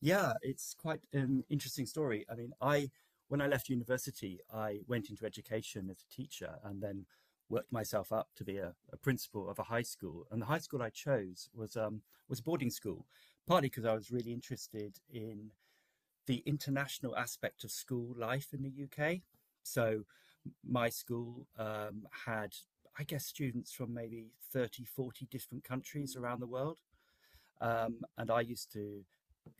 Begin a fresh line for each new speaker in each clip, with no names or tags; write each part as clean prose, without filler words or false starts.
Yeah, it's quite an interesting story. I mean, I when I left university, I went into education as a teacher and then worked myself up to be a principal of a high school. And the high school I chose was a boarding school, partly because I was really interested in the international aspect of school life in the UK. So my school had, I guess, students from maybe 30, 40 different countries around the world. And I used to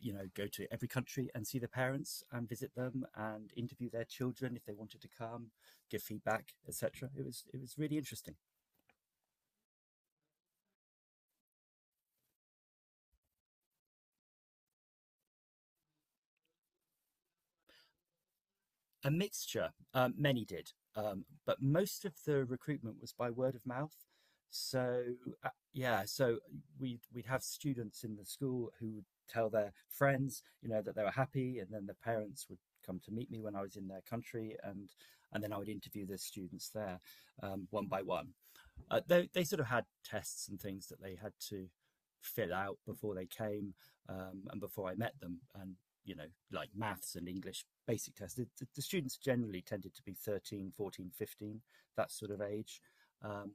go to every country and see the parents and visit them and interview their children if they wanted to come, give feedback, etc. It was really interesting. A mixture. Many did, but most of the recruitment was by word of mouth. So, yeah, so we'd have students in the school who would tell their friends, you know, that they were happy, and then the parents would come to meet me when I was in their country, and then I would interview the students there one by one. They sort of had tests and things that they had to fill out before they came and before I met them, and you know, like maths and English basic tests. The students generally tended to be 13, 14, 15, that sort of age. Um,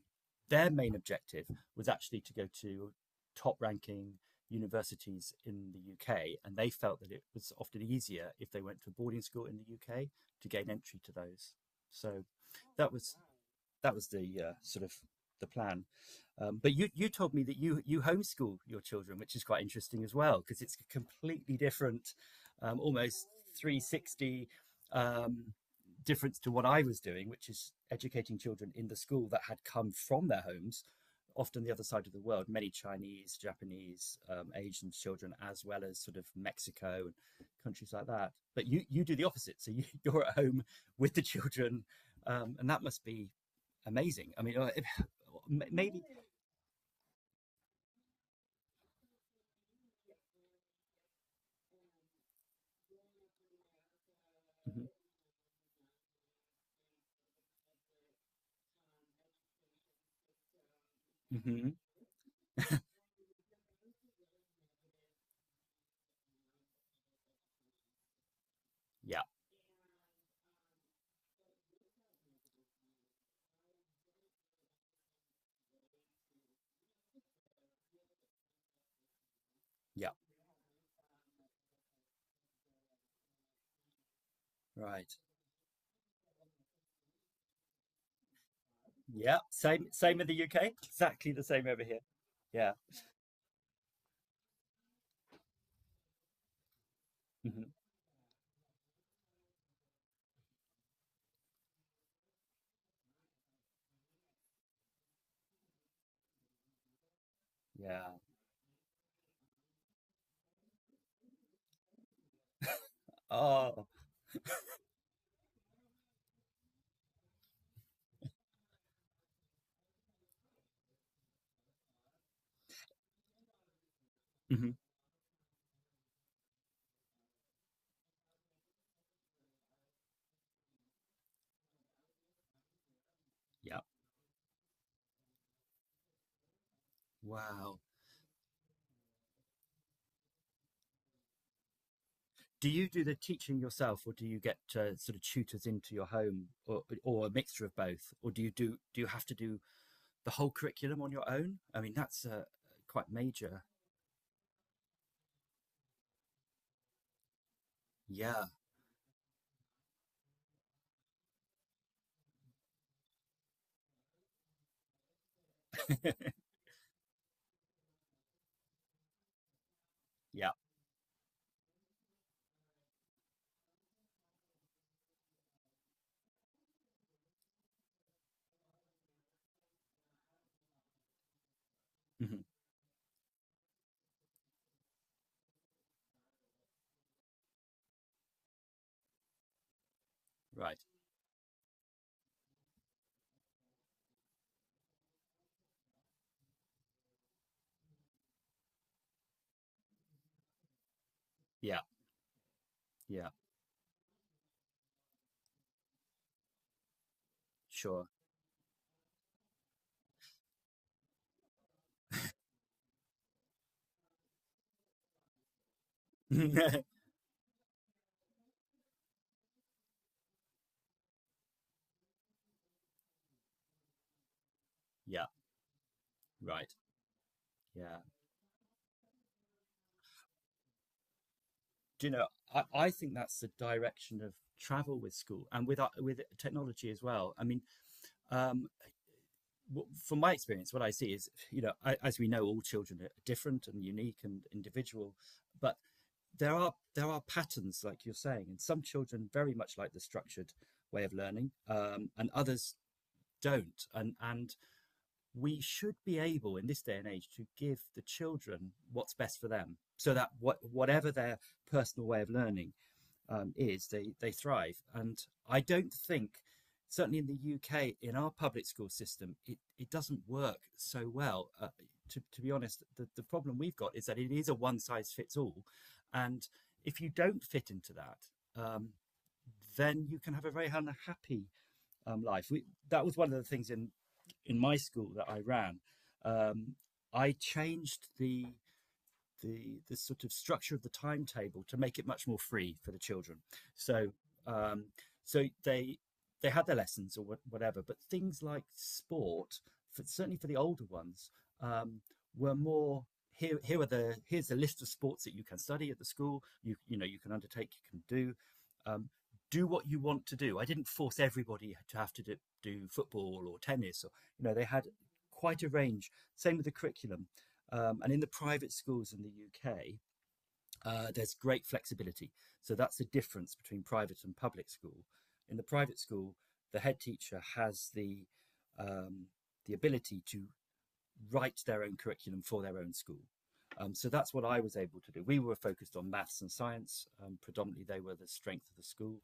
their main objective was actually to go to top ranking universities in the UK, and they felt that it was often easier if they went to a boarding school in the UK to gain entry to those. So that was that was the sort of the plan. But you told me that you homeschool your children, which is quite interesting as well, because it's a completely different, almost 360 um, difference to what I was doing, which is educating children in the school that had come from their homes, often the other side of the world, many Chinese, Japanese, Asian children, as well as sort of Mexico and countries like that. But you do the opposite, so you, you're at home with the children, and that must be amazing. I mean, maybe. Mhm, mhm. Yeah, yeah, right. Yeah, same, same in the UK. Exactly the same over here. Yeah, mhm, yeah. Oh, mhm, yeah. Wow. Do you do the teaching yourself, or do you get sort of tutors into your home, or a mixture of both, or do you have to do the whole curriculum on your own? I mean, that's quite major. Yeah, yeah. Mhm, right. Yeah, yeah. Sure. Yeah, right. Yeah. Do you know, I think that's the direction of travel with school and with with technology as well. I mean, um, from my experience, what I see is, I, as we know, all children are different and unique and individual, but there are patterns, like you're saying, and some children very much like the structured way of learning, and others don't. And we should be able in this day and age to give the children what's best for them, so that whatever their personal way of learning is, they thrive. And I don't think, certainly in the UK, in our public school system, it doesn't work so well. To be honest, the problem we've got is that it is a one size fits all. And if you don't fit into that, um, then you can have a very unhappy life. That was one of the things in my school that I ran. Um, I changed the sort of structure of the timetable to make it much more free for the children. So um, so they had their lessons or whatever, but things like sport, certainly for the older ones, um, were more. Here, here are the here's a list of sports that you can study at the school. You can undertake, you can do. Um, do what you want to do. I didn't force everybody to have to do football or tennis. Or, they had quite a range. Same with the curriculum. And in the private schools in the UK, there's great flexibility. So that's the difference between private and public school. In the private school, the head teacher has um, the ability to write their own curriculum for their own school. So that's what I was able to do. We were focused on maths and science. Predominantly, they were the strength of the school.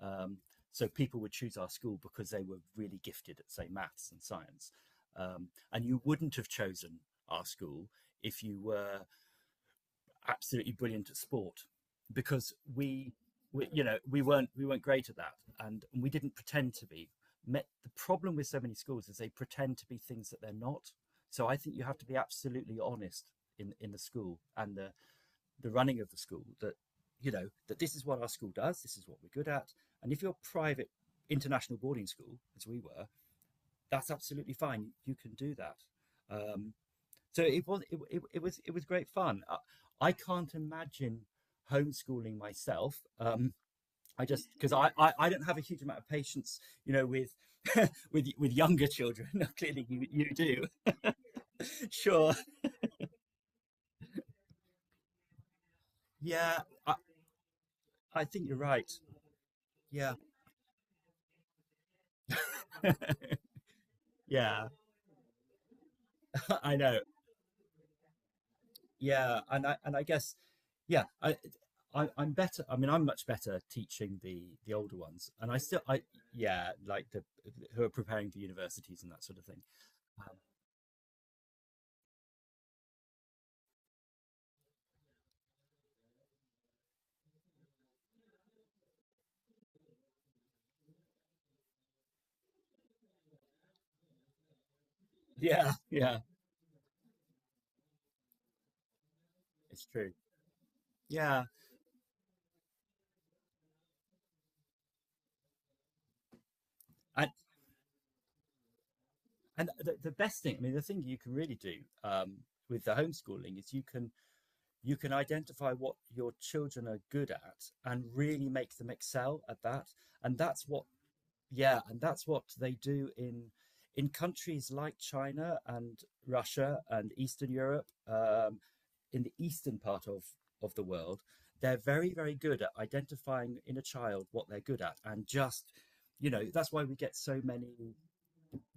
Um, so people would choose our school because they were really gifted at, say, maths and science. And you wouldn't have chosen our school if you were absolutely brilliant at sport because we you know we weren't great at that, and we didn't pretend to be. The problem with so many schools is they pretend to be things that they're not. So I think you have to be absolutely honest in the school and the running of the school, that you know that this is what our school does, this is what we're good at. And if you're a private international boarding school, as we were, that's absolutely fine. You can do that. um, so it was great fun. I can't imagine homeschooling myself. I just, because I don't have a huge amount of patience, you know, with with younger children. Clearly, you do. Sure. Yeah. I, I think you're right. Yeah. Yeah. I know. Yeah. And I guess, yeah. I'm better. I mean, I'm much better teaching the older ones, and I still I yeah like the who are preparing for universities and that sort of thing. Yeah, yeah, it's true. Yeah, and and the best thing, I mean, the thing you can really do um, with the homeschooling is you can identify what your children are good at and really make them excel at that. And that's what Yeah, and that's what they do in countries like China and Russia and Eastern Europe, in the eastern part of the world. They're very, very good at identifying in a child what they're good at and just, that's why we get so many.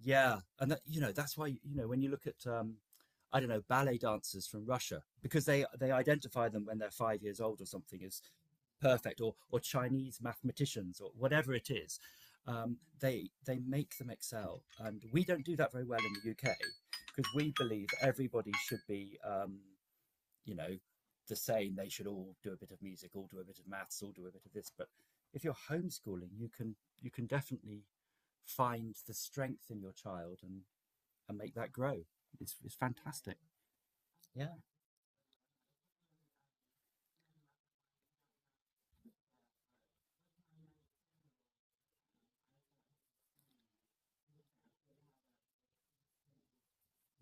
Yeah, and that you know that's why when you look at, I don't know, ballet dancers from Russia, because they identify them when they're 5 years old or something as perfect, or Chinese mathematicians or whatever it is. They make them excel, and we don't do that very well in the UK because we believe everybody should be you know the same. They should all do a bit of music, all do a bit of maths, all do a bit of this. But if you're homeschooling, you can definitely find the strength in your child and make that grow. It's fantastic. Yeah.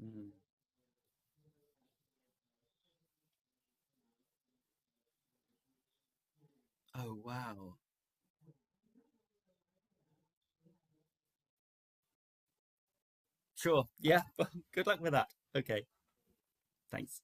Mm. Oh, wow. Sure. Yeah. Good luck with that. Okay. Thanks.